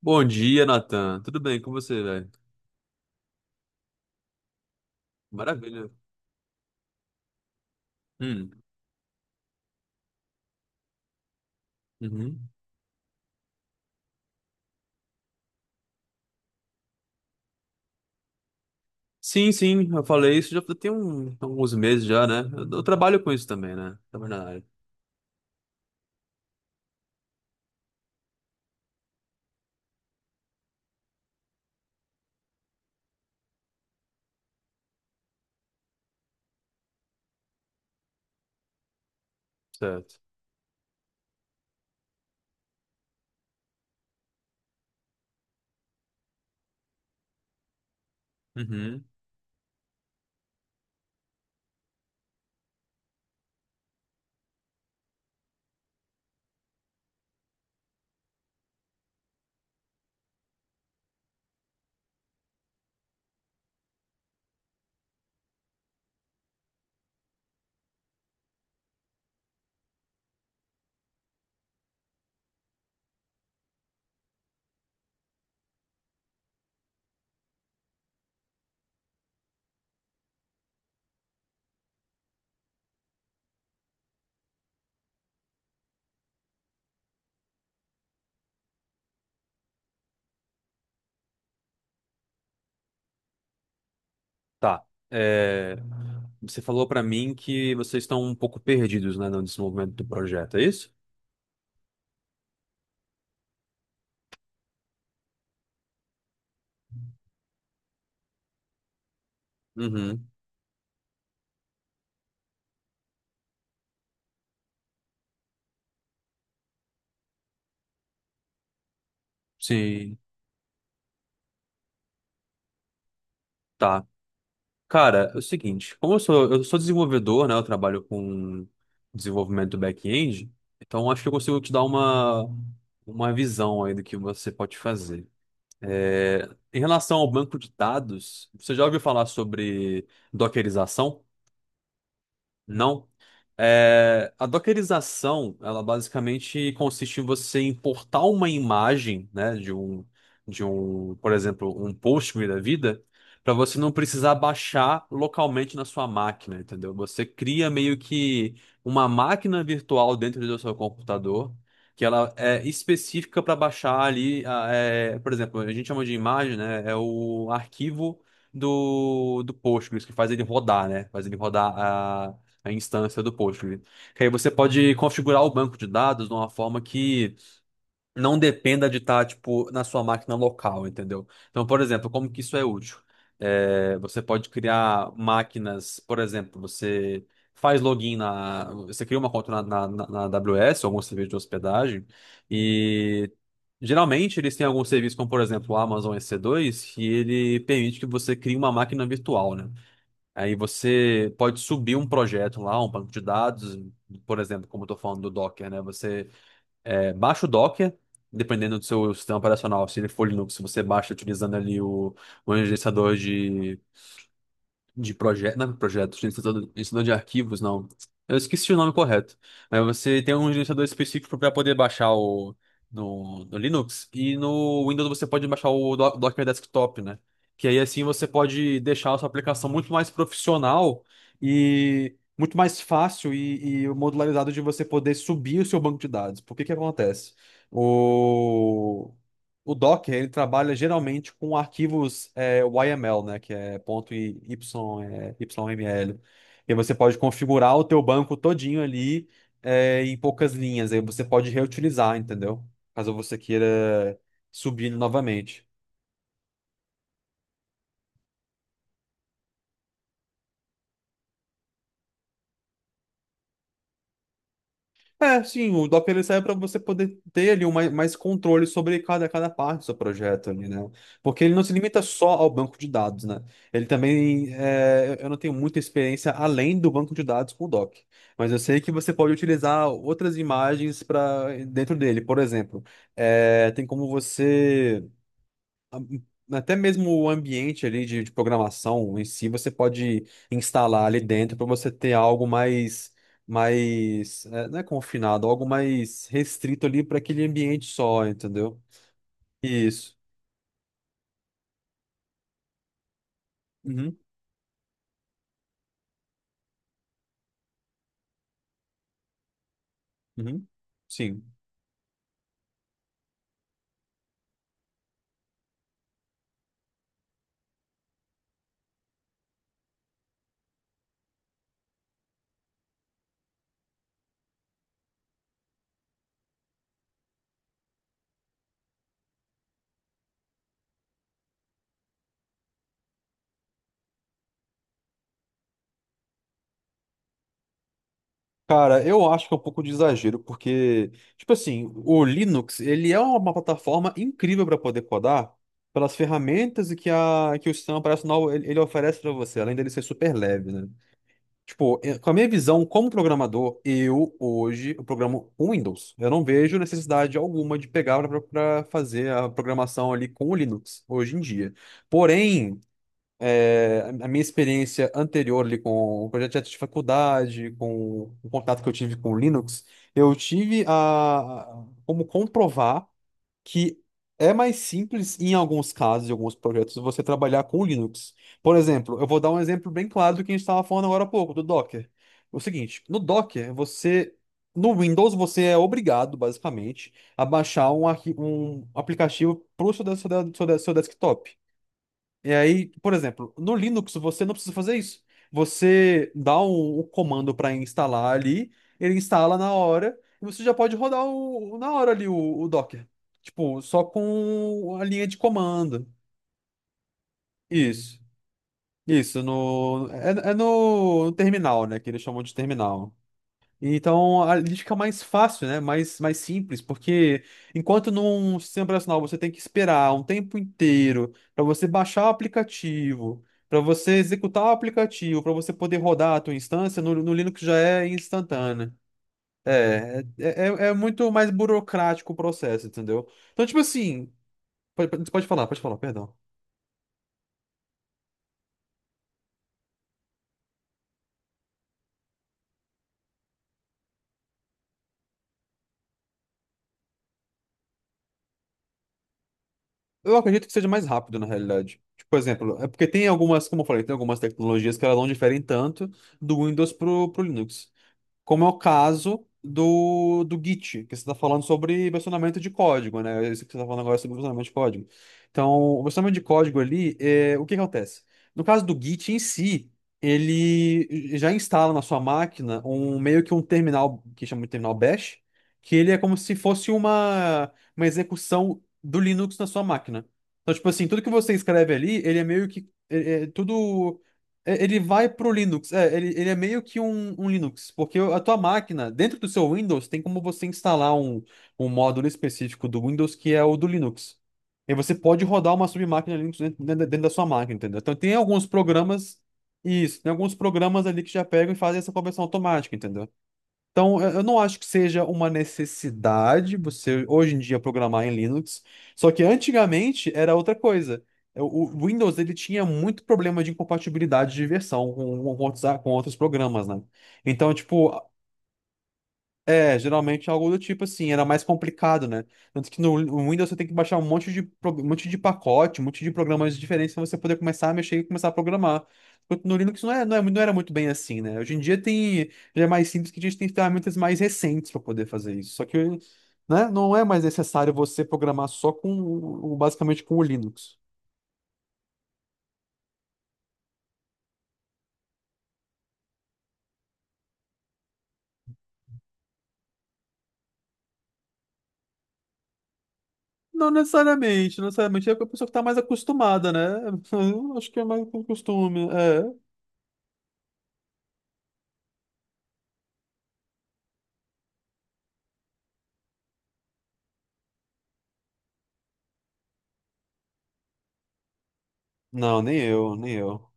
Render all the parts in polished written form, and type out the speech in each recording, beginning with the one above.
Bom dia, Nathan. Tudo bem com você, velho? Maravilha. Hum, uhum. Sim, eu falei isso já tem alguns meses já, né? Eu trabalho com isso também, né? Trabalho na área. Certo. Uhum. Tá. É, você falou pra mim que vocês estão um pouco perdidos, né, no desenvolvimento do projeto, é isso? Uhum. Sim. Tá. Cara, é o seguinte, eu sou desenvolvedor, né? Eu trabalho com desenvolvimento do back-end, então acho que eu consigo te dar uma visão aí do que você pode fazer. É, em relação ao banco de dados, você já ouviu falar sobre dockerização? Não. É, a dockerização, ela basicamente consiste em você importar uma imagem, né, de um, por exemplo, um Postgre da vida, para você não precisar baixar localmente na sua máquina, entendeu? Você cria meio que uma máquina virtual dentro do seu computador, que ela é específica para baixar ali, por exemplo, a gente chama de imagem, né, é o arquivo do Postgres, que faz ele rodar, né? Faz ele rodar a instância do Postgre. Que aí você pode configurar o banco de dados de uma forma que não dependa de estar, tipo, na sua máquina local, entendeu? Então, por exemplo, como que isso é útil? É, você pode criar máquinas, por exemplo, você faz login na... Você cria uma conta na AWS, algum serviço de hospedagem, e... Geralmente eles têm algum serviço, como por exemplo o Amazon EC2, que ele permite que você crie uma máquina virtual, né? Aí você pode subir um projeto lá, um banco de dados, por exemplo, como eu estou falando do Docker, né? Você baixa o Docker, dependendo do seu sistema operacional. Se ele for Linux, você baixa utilizando ali o gerenciador de projeto, não é projeto, de gerenciador de arquivos, não. Eu esqueci o nome correto. Mas você tem um gerenciador específico para poder baixar o no, no Linux, e no Windows você pode baixar o Docker Desktop, né? Que aí assim você pode deixar a sua aplicação muito mais profissional e muito mais fácil e modularizado de você poder subir o seu banco de dados. Por que que acontece? O O Docker, ele trabalha geralmente com arquivos é o YML, né? Que é ponto YML. E você pode configurar o teu banco todinho ali em poucas linhas. Aí você pode reutilizar, entendeu? Caso você queira subir novamente. É, sim, o Docker ele serve para você poder ter ali um mais controle sobre cada parte do seu projeto ali, né? Porque ele não se limita só ao banco de dados, né? Ele também, eu não tenho muita experiência além do banco de dados com o Docker, mas eu sei que você pode utilizar outras imagens para dentro dele. Por exemplo, tem como você a- até mesmo o ambiente ali de programação em si, você pode instalar ali dentro para você ter algo não é confinado, algo mais restrito ali para aquele ambiente só, entendeu? Isso. Uhum, uhum. Sim. Cara, eu acho que é um pouco de exagero, porque, tipo assim, o Linux, ele é uma plataforma incrível para poder codar pelas ferramentas que o sistema operacional ele oferece para você, além dele ser super leve, né? Tipo, com a minha visão como programador, eu hoje eu programo com Windows. Eu não vejo necessidade alguma de pegar para fazer a programação ali com o Linux hoje em dia. Porém, a minha experiência anterior ali com o projeto de faculdade, com o contato que eu tive com o Linux, eu tive como comprovar que é mais simples em alguns casos, em alguns projetos, você trabalhar com Linux. Por exemplo, eu vou dar um exemplo bem claro do que a gente estava falando agora há pouco, do Docker. O seguinte, no Docker, você. No Windows, você é obrigado, basicamente, a baixar um aplicativo para o seu desktop. E aí, por exemplo, no Linux você não precisa fazer isso. Você dá um comando para instalar ali, ele instala na hora, e você já pode rodar na hora ali o Docker. Tipo, só com a linha de comando. Isso. Isso, no terminal, né? Que eles chamam de terminal. Então a lista fica mais fácil, né? Mais simples, porque enquanto num sistema operacional você tem que esperar um tempo inteiro para você baixar o aplicativo, para você executar o aplicativo, para você poder rodar a tua instância, no Linux já é instantânea. É muito mais burocrático o processo, entendeu? Então, tipo assim, pode falar, perdão. Eu acredito que seja mais rápido, na realidade. Tipo, por exemplo, é porque tem algumas, como eu falei, tem algumas tecnologias que elas não diferem tanto do Windows pro Linux, como é o caso do Git, que você está falando sobre versionamento de código, né? É isso que você está falando agora, é sobre versionamento de código. Então, o versionamento de código ali, o que acontece? No caso do Git em si, ele já instala na sua máquina um meio que um terminal, que chama de terminal bash, que ele é como se fosse uma execução do Linux na sua máquina. Então, tipo assim, tudo que você escreve ali, ele é meio é tudo. É, ele vai pro Linux. É, ele é meio que um Linux, porque a tua máquina, dentro do seu Windows, tem como você instalar um módulo específico do Windows que é o do Linux. E você pode rodar uma submáquina Linux dentro da sua máquina, entendeu? Então tem alguns programas, isso, tem alguns programas ali que já pegam e fazem essa conversão automática, entendeu? Então, eu não acho que seja uma necessidade você hoje em dia programar em Linux, só que antigamente era outra coisa. O Windows ele tinha muito problema de incompatibilidade de versão com outros programas, né? Então, tipo, geralmente é algo do tipo assim, era mais complicado, né? Tanto que no Windows você tem que baixar um monte um monte de pacote, um monte de programas diferentes para você poder começar a mexer e começar a programar. Enquanto no Linux não era muito bem assim, né? Hoje em dia tem, já é mais simples que a gente tem ferramentas mais recentes para poder fazer isso. Só que, né, não é mais necessário você programar só basicamente com o Linux. Não necessariamente, não necessariamente. É a pessoa que tá mais acostumada, né? Eu acho que é mais com costume, é. Não, nem eu, nem eu.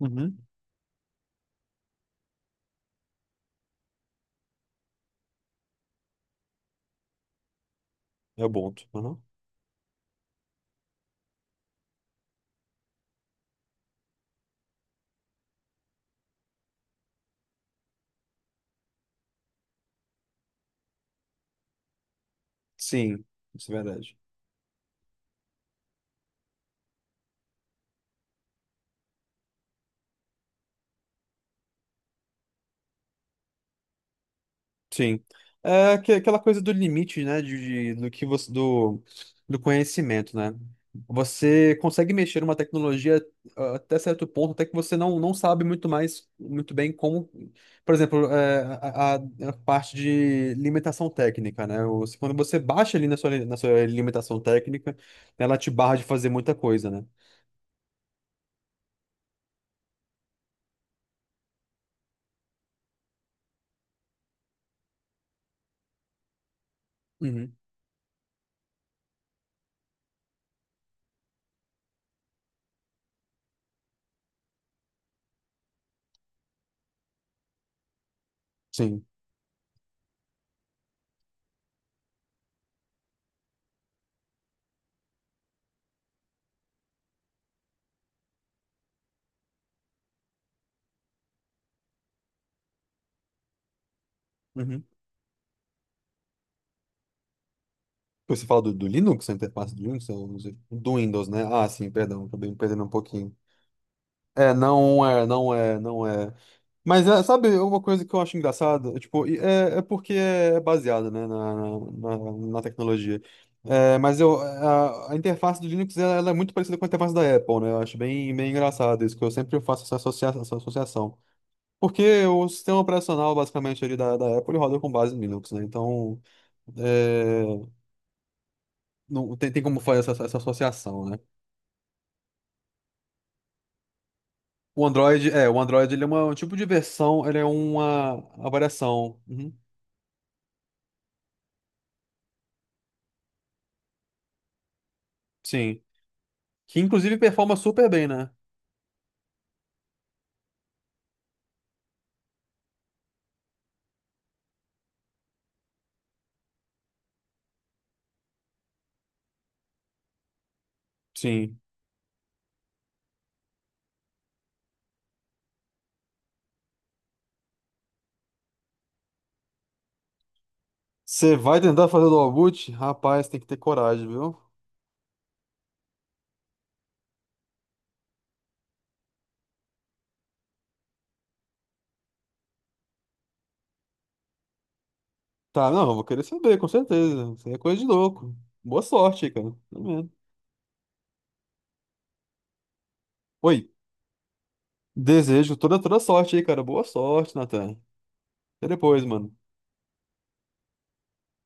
Uhum. É Ubuntu. Uhum. Sim, isso é verdade. Sim. Aquela coisa do limite, né? Do que você, do, do conhecimento, né? Você consegue mexer numa tecnologia ah, até certo ponto, até que você não, não sabe muito mais, muito bem como. Por exemplo, a parte de limitação técnica, né? Quando você baixa ali na na sua limitação técnica, ela te barra de fazer muita coisa, né? Uhum. Sim. Uhum. Você fala do Linux, a interface do Linux, eu não sei. Do Windows, né? Ah, sim, perdão, acabei me perdendo um pouquinho. Não é. Mas é, sabe, uma coisa que eu acho engraçada, tipo, é porque é baseada, né, na, na tecnologia. A interface do Linux, ela é muito parecida com a interface da Apple, né? Eu acho bem, bem engraçado isso, que eu sempre faço essa, associa essa associação. Porque o sistema operacional, basicamente, ali da Apple, ele roda com base em Linux, né? Então, é, não tem, tem como fazer essa associação, né? O Android, o Android ele é um tipo de versão, ele é uma variação. Uhum. Sim. Que inclusive performa super bem, né? Sim. Você vai tentar fazer o dual boot? Rapaz, tem que ter coragem, viu? Tá, não, eu vou querer saber, com certeza. Isso aí é coisa de louco. Boa sorte aí, cara. Tá vendo? Oi, desejo toda, toda sorte aí, cara. Boa sorte, Natan. Até depois, mano.